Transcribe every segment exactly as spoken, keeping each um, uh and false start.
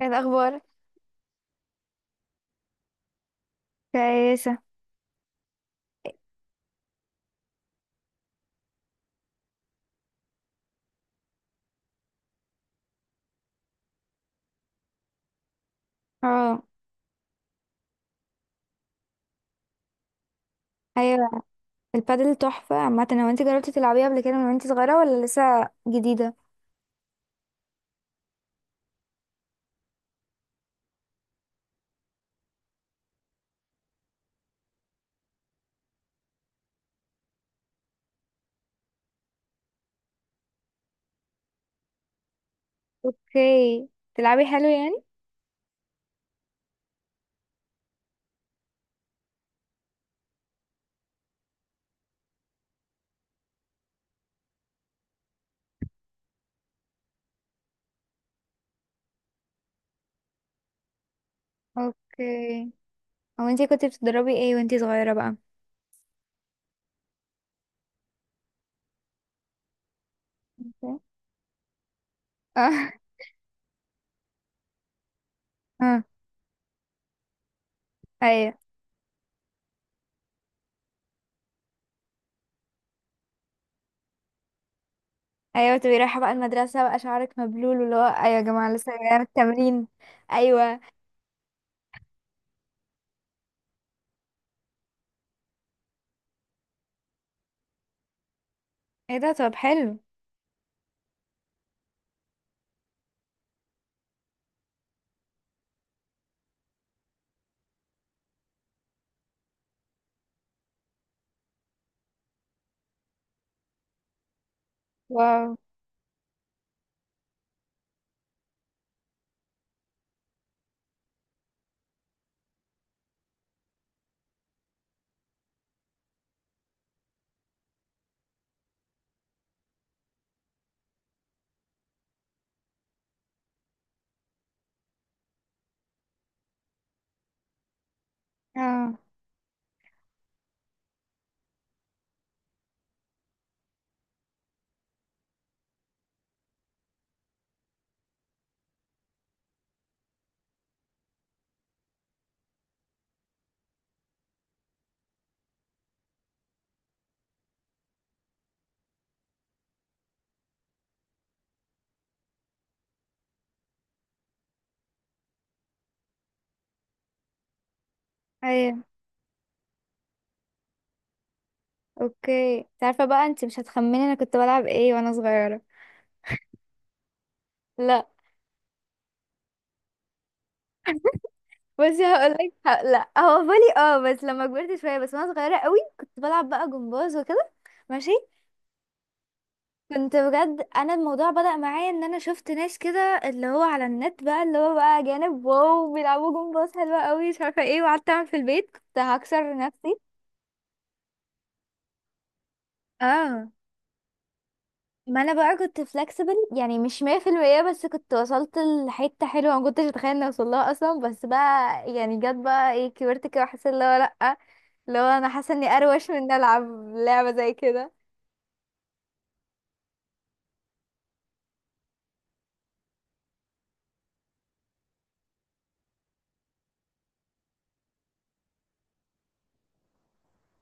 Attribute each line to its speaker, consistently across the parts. Speaker 1: ايه الاخبار؟ كويسة. اه. ايوه. البادل تحفة عامة. هو انت جربتي تلعبيها قبل كده من وانت صغيرة ولا لسه جديدة؟ اوكي، تلعبي حلو يعني. اوكي، هو انت كنت بتدربي ايه وانت صغيرة بقى؟ اوكي. اه. اه. ايوه. ايوه، تبقي رايحة بقى المدرسة بقى شعرك مبلول واللي هو ايوه يا جماعة لسه جاية من التمرين. ايوه. ايه ده، طب حلو. واو. اه. ايوه. اوكي، انت عارفة بقى انت مش هتخمني انا كنت بلعب ايه وانا صغيرة؟ لا. بصي هقولك ه- لا، هو بالي، اه بس لما كبرت شويه، بس وانا صغيره قوي كنت بلعب بقى جمباز وكده. ماشي. كنت بجد، انا الموضوع بدأ معايا ان انا شفت ناس كده اللي هو على النت بقى اللي هو بقى جانب واو بيلعبوا جمباز حلوه قوي مش عارفه ايه، وقعدت اعمل في البيت كنت هكسر نفسي. اه، ما انا بقى كنت فلكسبل يعني مش مية في المية بس كنت وصلت لحته حلوه ما كنتش اتخيل اني اوصل لها اصلا، بس بقى يعني جت بقى ايه كبرت كده وحسيت اللي هو لا، لو انا حاسه اني اروش من إني العب لعبه زي كده.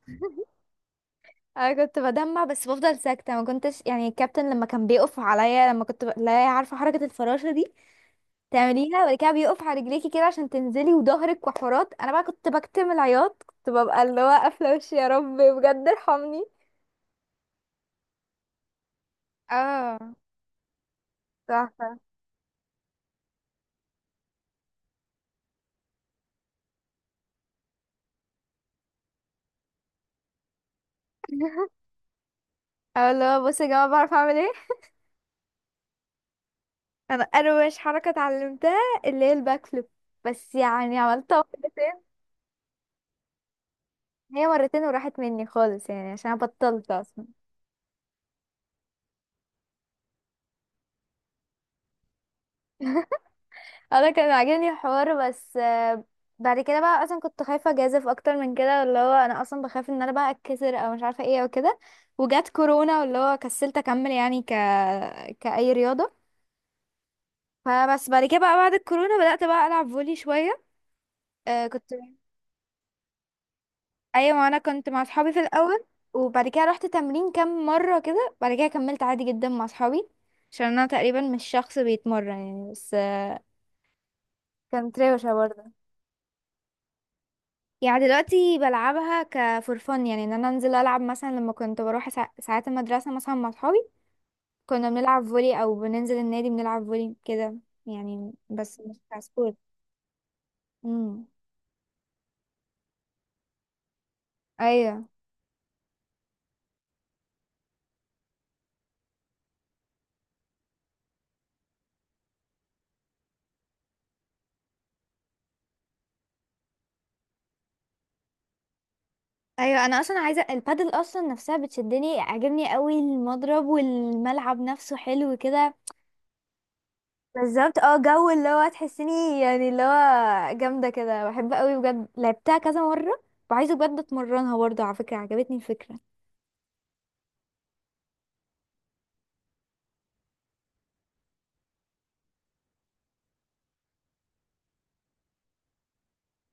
Speaker 1: انا كنت بدمع بس بفضل ساكته، ما كنتش يعني، الكابتن لما كان بيقف عليا لما كنت ب... لا، عارفه حركه الفراشه دي تعمليها وبعد كده بيقف على رجليكي كده عشان تنزلي وظهرك وحورات، انا بقى كنت بكتم العياط، كنت ببقى اللي هو قافله وشي يا رب بجد ارحمني. اه. تحفه. اه اللي هو بصي يا جماعه بعرف اعمل ايه. انا اروش حركه اتعلمتها اللي هي الباك فليب، بس يعني عملتها مرتين. هي مرتين وراحت مني خالص يعني عشان أنا بطلت اصلا. انا كان عاجبني الحوار بس آه، بعد كده بقى اصلا كنت خايفه اجازف اكتر من كده، اللي هو انا اصلا بخاف ان انا بقى اتكسر او مش عارفه ايه او كده، وجات كورونا واللي هو كسلت اكمل يعني ك كاي رياضه. فبس بعد كده بقى بعد الكورونا بدات بقى العب فولي شويه. آه كنت. ايوه، انا كنت مع اصحابي في الاول، وبعد كده رحت تمرين كام مره كده، بعد كده كملت عادي جدا مع اصحابي، عشان انا تقريبا مش شخص بيتمرن يعني. بس كانت روشة برضه يعني. دلوقتي بلعبها كفور فن يعني، ان انا انزل العب مثلا لما كنت بروح سا- ساعات المدرسه مثلا مع اصحابي كنا بنلعب فولي او بننزل النادي بنلعب فولي كده يعني، بس مش كسبور. امم. ايوه. ايوه، انا اصلا عايزه البادل، اصلا نفسها بتشدني، عاجبني قوي المضرب والملعب نفسه حلو كده. بالظبط. اه جو اللي هو تحسيني يعني اللي هو جامده كده، بحب قوي بجد، لعبتها كذا مره، وعايزه بجد اتمرنها برضه. على فكره عجبتني الفكره.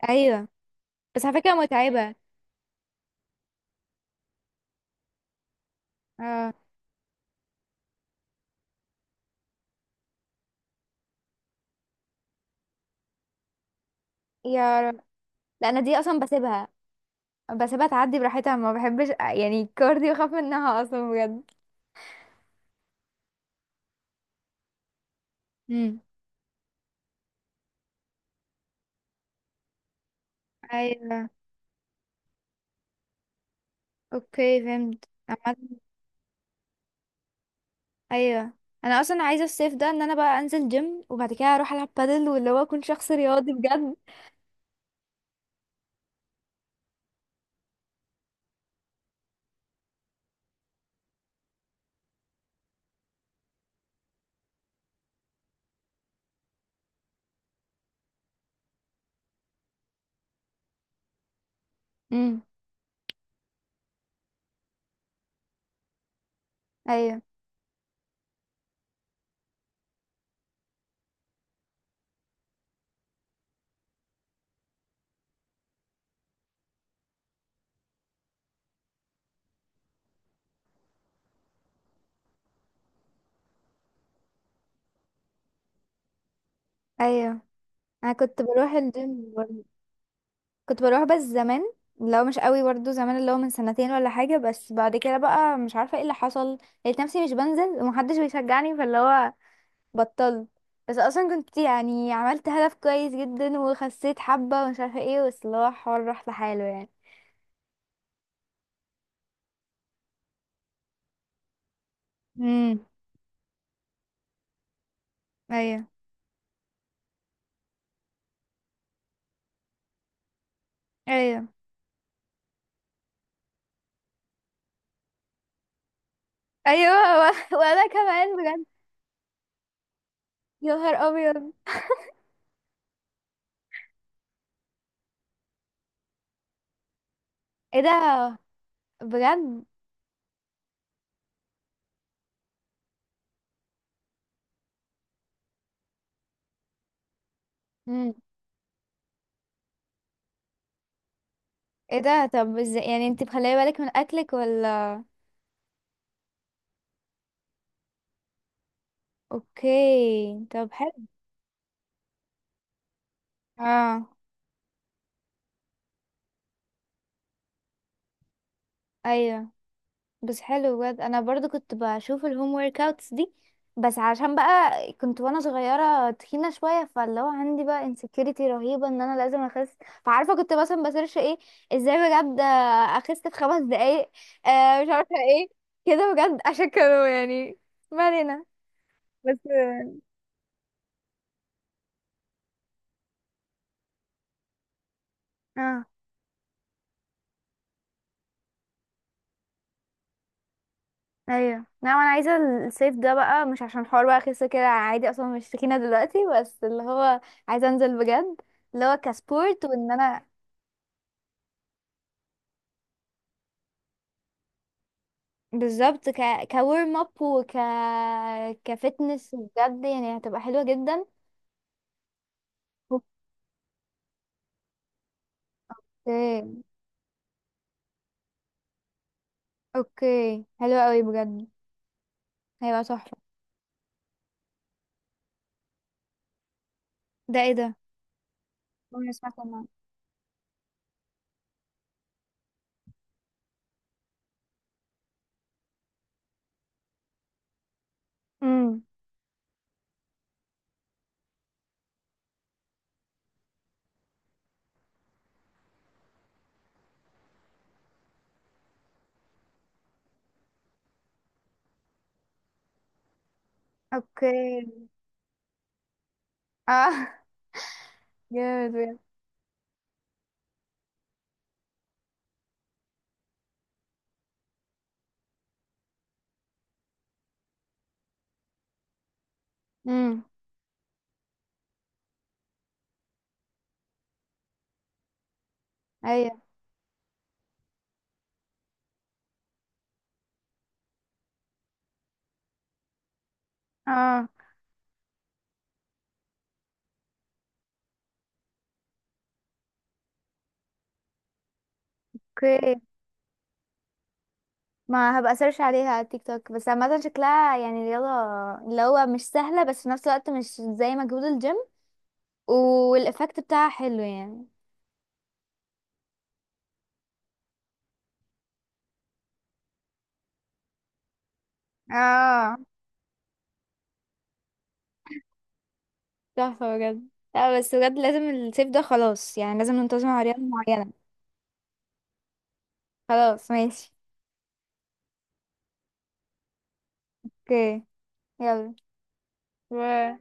Speaker 1: ايوه. بس على فكرة متعبة. اه. يا رب، لا، انا دي اصلا بسيبها، بسيبها تعدي براحتها، ما بحبش يعني الكار دي، بخاف منها اصلا بجد. امم. ايوه. اوكي، فهمت عمد... ايوه، انا اصلا عايزه الصيف ده ان انا بقى انزل جيم، وبعد كده اروح العب بادل، واللي هو اكون شخص رياضي بجد. امم. ايوه. ايوه، انا كنت بروح الجيم برضه. كنت بروح بس زمان، لو مش قوي برضو زمان، اللي هو من سنتين ولا حاجه، بس بعد كده بقى مش عارفه ايه اللي حصل، لقيت نفسي مش بنزل ومحدش بيشجعني فاللي هو بطلت. بس اصلا كنت يعني عملت هدف كويس جدا وخسيت حبة ومش عارفة ايه، بس اللي هو الحوار راح لحاله يعني. امم. ايوه. ايوه. ايوه. و- وانا كمان بجد. يا نهار ابيض. ايه ده؟ بجد؟ امم. ايه ده، طب ازاي يعني انت مخليه بالك من اكلك ولا؟ اوكي، طب حلو. اه. ايوه. بس حلو بجد، انا برضو كنت بشوف الهوم ورك اوتس دي، بس عشان بقى كنت وانا صغيره تخينه شويه، فاللي هو عندي بقى انسكيورتي رهيبه ان انا لازم اخس، فعارفه كنت مثلا بسيرش ايه، ازاي بجد اخس في خمس دقايق، آه مش عارفه ايه كده بجد، عشان كانوا يعني، ما علينا. بس اه ايوه، لا انا عايزه الصيف ده بقى، مش عشان حوار بقى اخس كده، عادي اصلا مش تخينه دلوقتي، بس اللي هو عايزه انزل بجد، اللي هو كسبورت وان انا، بالظبط ك كورم اب وك كفتنس بجد يعني هتبقى حلوة جدا. اوكي. اوكي، حلو قوي بجد، هيبقى تحفة. ده ايه ده؟ انا سمعت عنه. امم. اوكي. اه. جامد بجد. امم. ايوه. اه. اوكي، ما هبقى سيرش عليها على تيك توك. بس عامة شكلها يعني رياضة اللي هو مش سهلة بس في نفس الوقت مش زي مجهود الجيم، والإفكت بتاعها حلو يعني. اه. تحفة بجد. لا بس بجد لازم الصيف ده خلاص، يعني لازم ننتظم على رياضة معينة. خلاص ماشي. اوكي. يلا. باي.